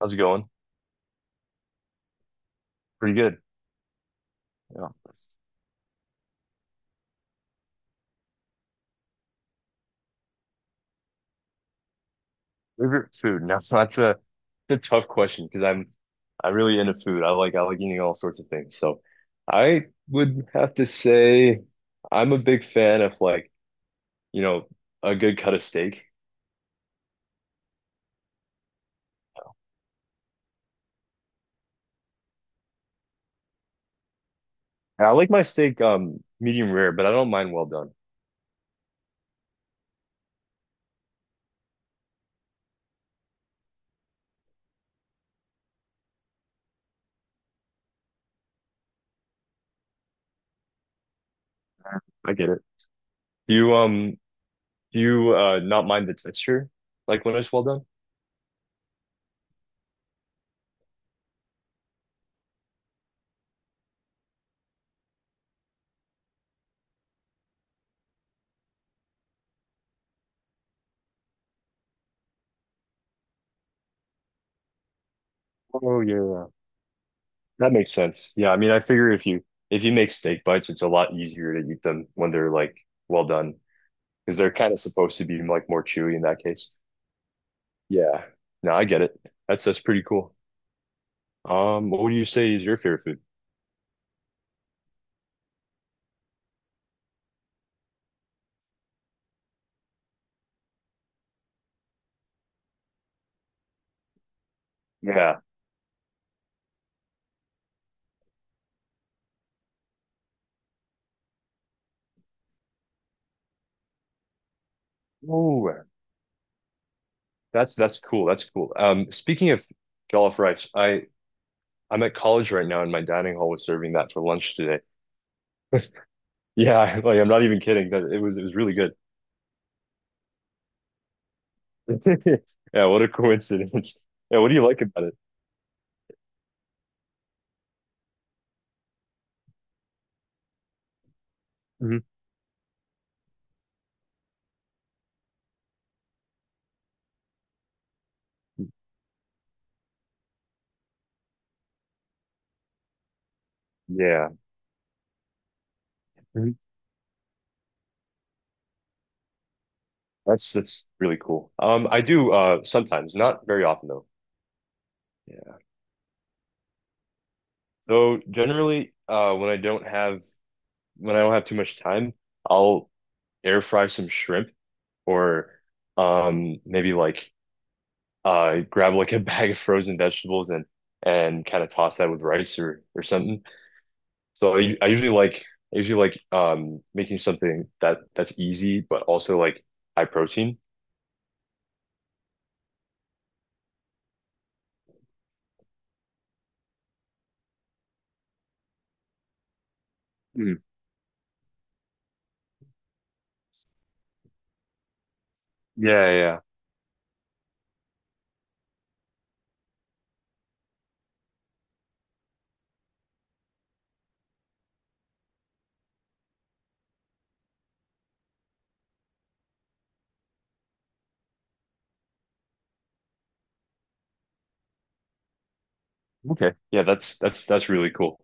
How's it going? Pretty good. Yeah. Favorite food? Now so that's a tough question because I'm really into food. I like eating all sorts of things. So I would have to say I'm a big fan of you know, a good cut of steak. And I like my steak medium rare, but I don't mind well done. I get it. Do you um do you not mind the texture like when it's well done? Oh yeah. That makes sense. Yeah, I mean, I figure if you make steak bites, it's a lot easier to eat them when they're like well done because they're kind of supposed to be like more chewy in that case. Yeah. No, I get it. That's pretty cool. What would you say is your favorite food? Yeah. Oh, that's cool. That's cool. Speaking of jollof rice, I'm at college right now, and my dining hall was serving that for lunch today. Yeah, like I'm not even kidding. That it was really good. Yeah, what a coincidence. Yeah, what do you like about it? Mhm. Yeah. That's really cool. I do sometimes, not very often though. Yeah. So generally, when I don't have too much time, I'll air fry some shrimp or maybe like grab like a bag of frozen vegetables and kind of toss that with rice or something. So I usually like making something that that's easy but also like high protein. Mm. Yeah. Okay. Yeah, that's really cool.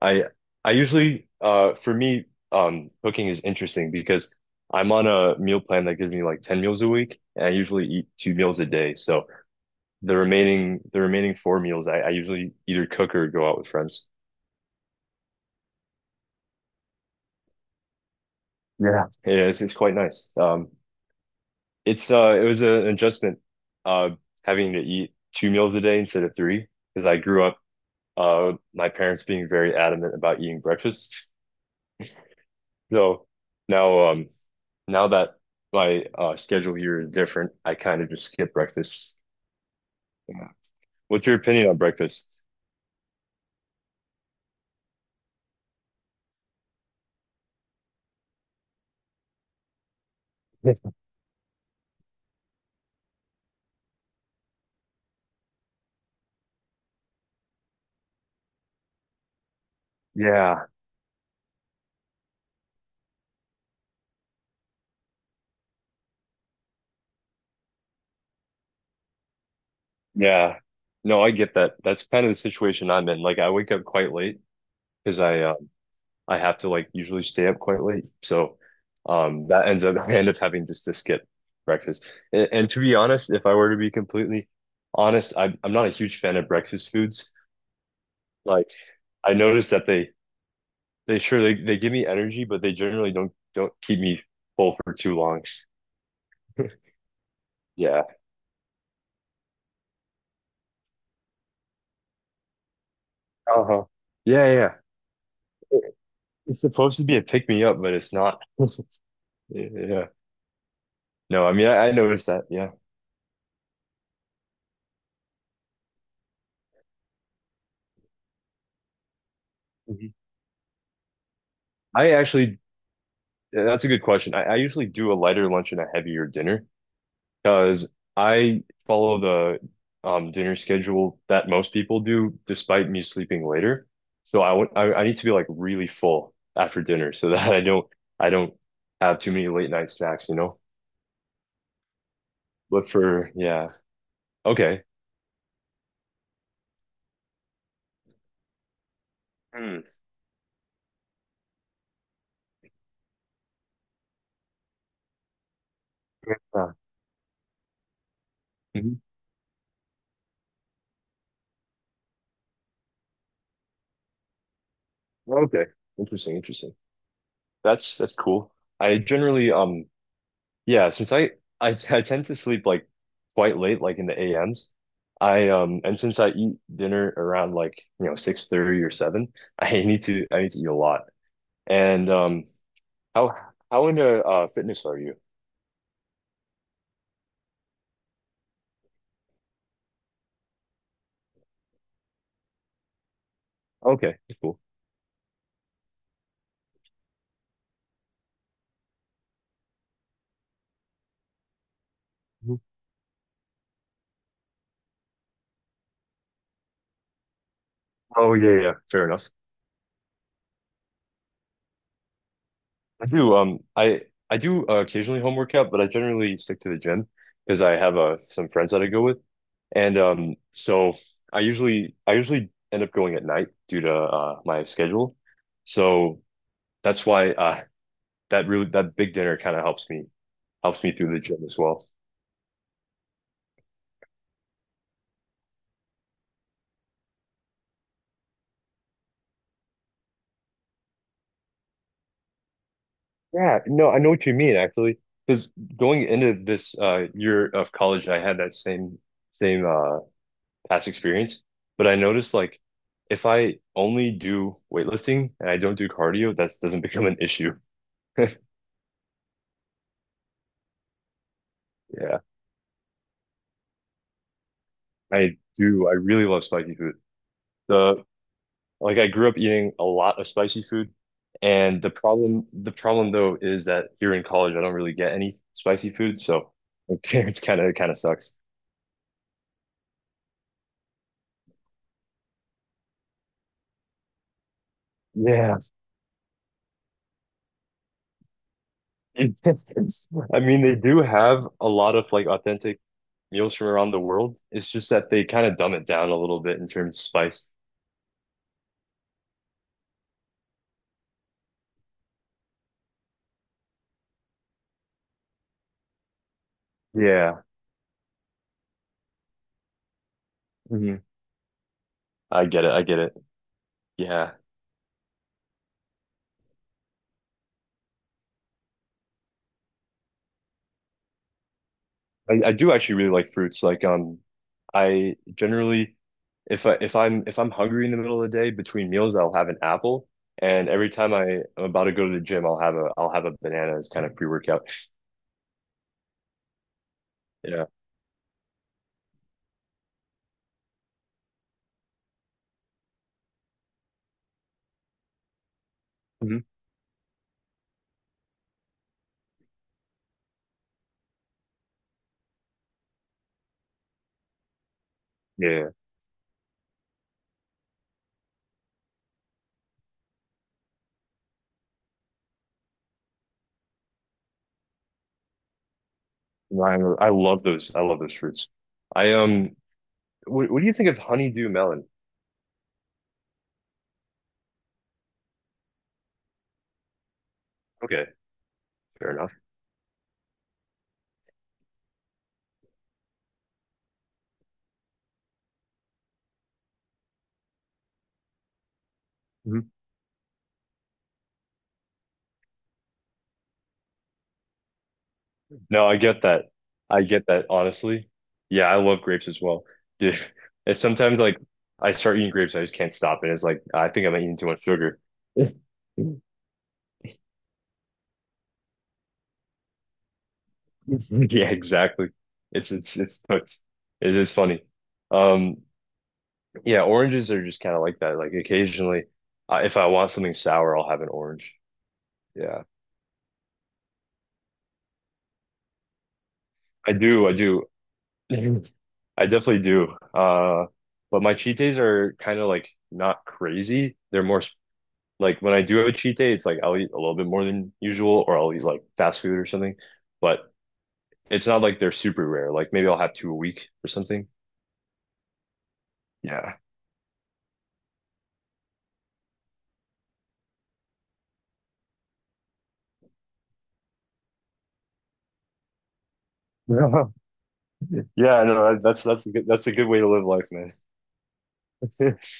I I usually for me cooking is interesting because I'm on a meal plan that gives me like 10 meals a week and I usually eat two meals a day. So the remaining four meals I usually either cook or go out with friends. Yeah. Yeah, it's quite nice. Um, it's it was an adjustment uh having to eat two meals a day instead of three because I grew up with my parents being very adamant about eating breakfast. So now um Now that my schedule here is different, I kind of just skip breakfast. Yeah. What's your opinion on breakfast? Yeah, yeah. No, I get that. That's kind of the situation I'm in. Like I wake up quite late because I have to like usually stay up quite late. So that ends up I end up having just to skip breakfast. And, to be honest, if I were to be completely honest, I'm not a huge fan of breakfast foods. Like I noticed that they sure they give me energy, but they generally don't keep me full for too long. Yeah. Uh-huh. Yeah, yeah. It- It's supposed to be a pick me up, but it's not. Yeah. No, I mean I noticed that. Yeah. Mhm. I actually, that's a good question. I usually do a lighter lunch and a heavier dinner. Because I follow the dinner schedule that most people do, despite me sleeping later. So I need to be like really full after dinner so that I don't have too many late night snacks, you know? But for yeah, okay. Hmm. Yeah. Mhm. Okay. Interesting, interesting. That's cool. I generally yeah, since I tend to sleep like quite late, like in the AMs. I and since I eat dinner around 6:30 or 7, I need to eat a lot. And how how into fitness are you? Okay, cool. Mhm. Oh yeah, yeah, fair enough. I do. I do occasionally home workout, but I generally stick to the gym because I have some friends that I go with, and so I usually end up going at night due to my schedule. So that's why that really that big dinner kind of helps me through the gym as well. Yeah, no, I know what you mean actually. Because going into this year of college, I had that same past experience, but I noticed like if I only do weightlifting and I don't do cardio, that doesn't become an issue. Yeah, I do. I really love spicy food. The Like I grew up eating a lot of spicy food, and the problem though is that here in college I don't really get any spicy food, so okay, it's kind of it kind of sucks. Yeah. I mean, they do have a lot of like authentic meals from around the world. It's just that they kind of dumb it down a little bit in terms of spice. Yeah. Hmm. I get it. I get it. Yeah. I do actually really like fruits. Like I generally if I'm hungry in the middle of the day between meals, I'll have an apple. And every time I'm about to go to the gym, I'll have a banana as kind of pre-workout. Yeah. Hmm. Yeah. Ryan, I love those. I love those fruits. I what do you think of honeydew melon? Okay, fair enough. No, I get that. I get that, honestly. Yeah, I love grapes as well. Dude, it's sometimes like I start eating grapes, I just can't stop it. It's like I think I'm eating too much sugar. Yeah, exactly. It's it's cooked. It is funny. Um, yeah, oranges are just kind of like that. Like occasionally, I if I want something sour, I'll have an orange. Yeah, I do. I do. I definitely do. But my cheat days are kind of like not crazy. They're more like when I do have a cheat day, it's like I'll eat a little bit more than usual, or I'll eat like fast food or something. But it's not like they're super rare. Like maybe I'll have two a week or something. Yeah. Yeah, no, that's a good way to live life, man.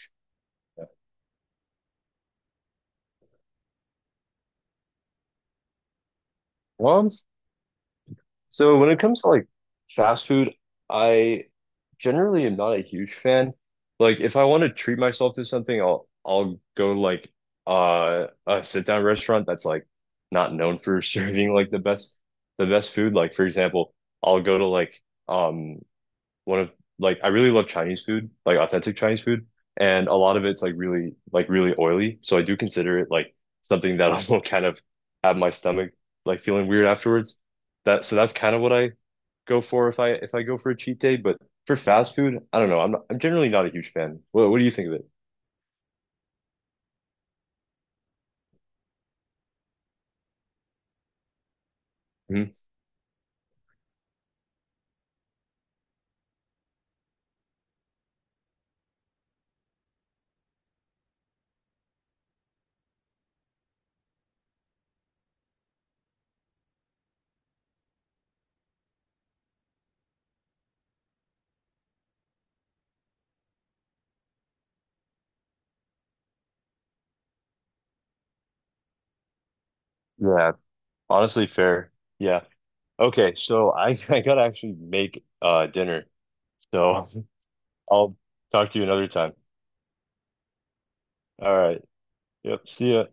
Well, I'm so when it comes to like fast food, I generally am not a huge fan. Like if I want to treat myself to something, I'll go like a sit down restaurant that's like not known for serving like the best food. Like for example, I'll go to like um one of like I really love Chinese food, like authentic Chinese food, and a lot of it's like really oily. So I do consider it like something that I will kind of have my stomach like feeling weird afterwards. That so that's kind of what I go for if I go for a cheat day. But for fast food, I don't know. I'm generally not a huge fan. What do you think of it? Mhm. Yeah, honestly, fair. Yeah. Okay, so I I gotta actually make dinner. So I'll talk to you another time. All right. Yep. See ya.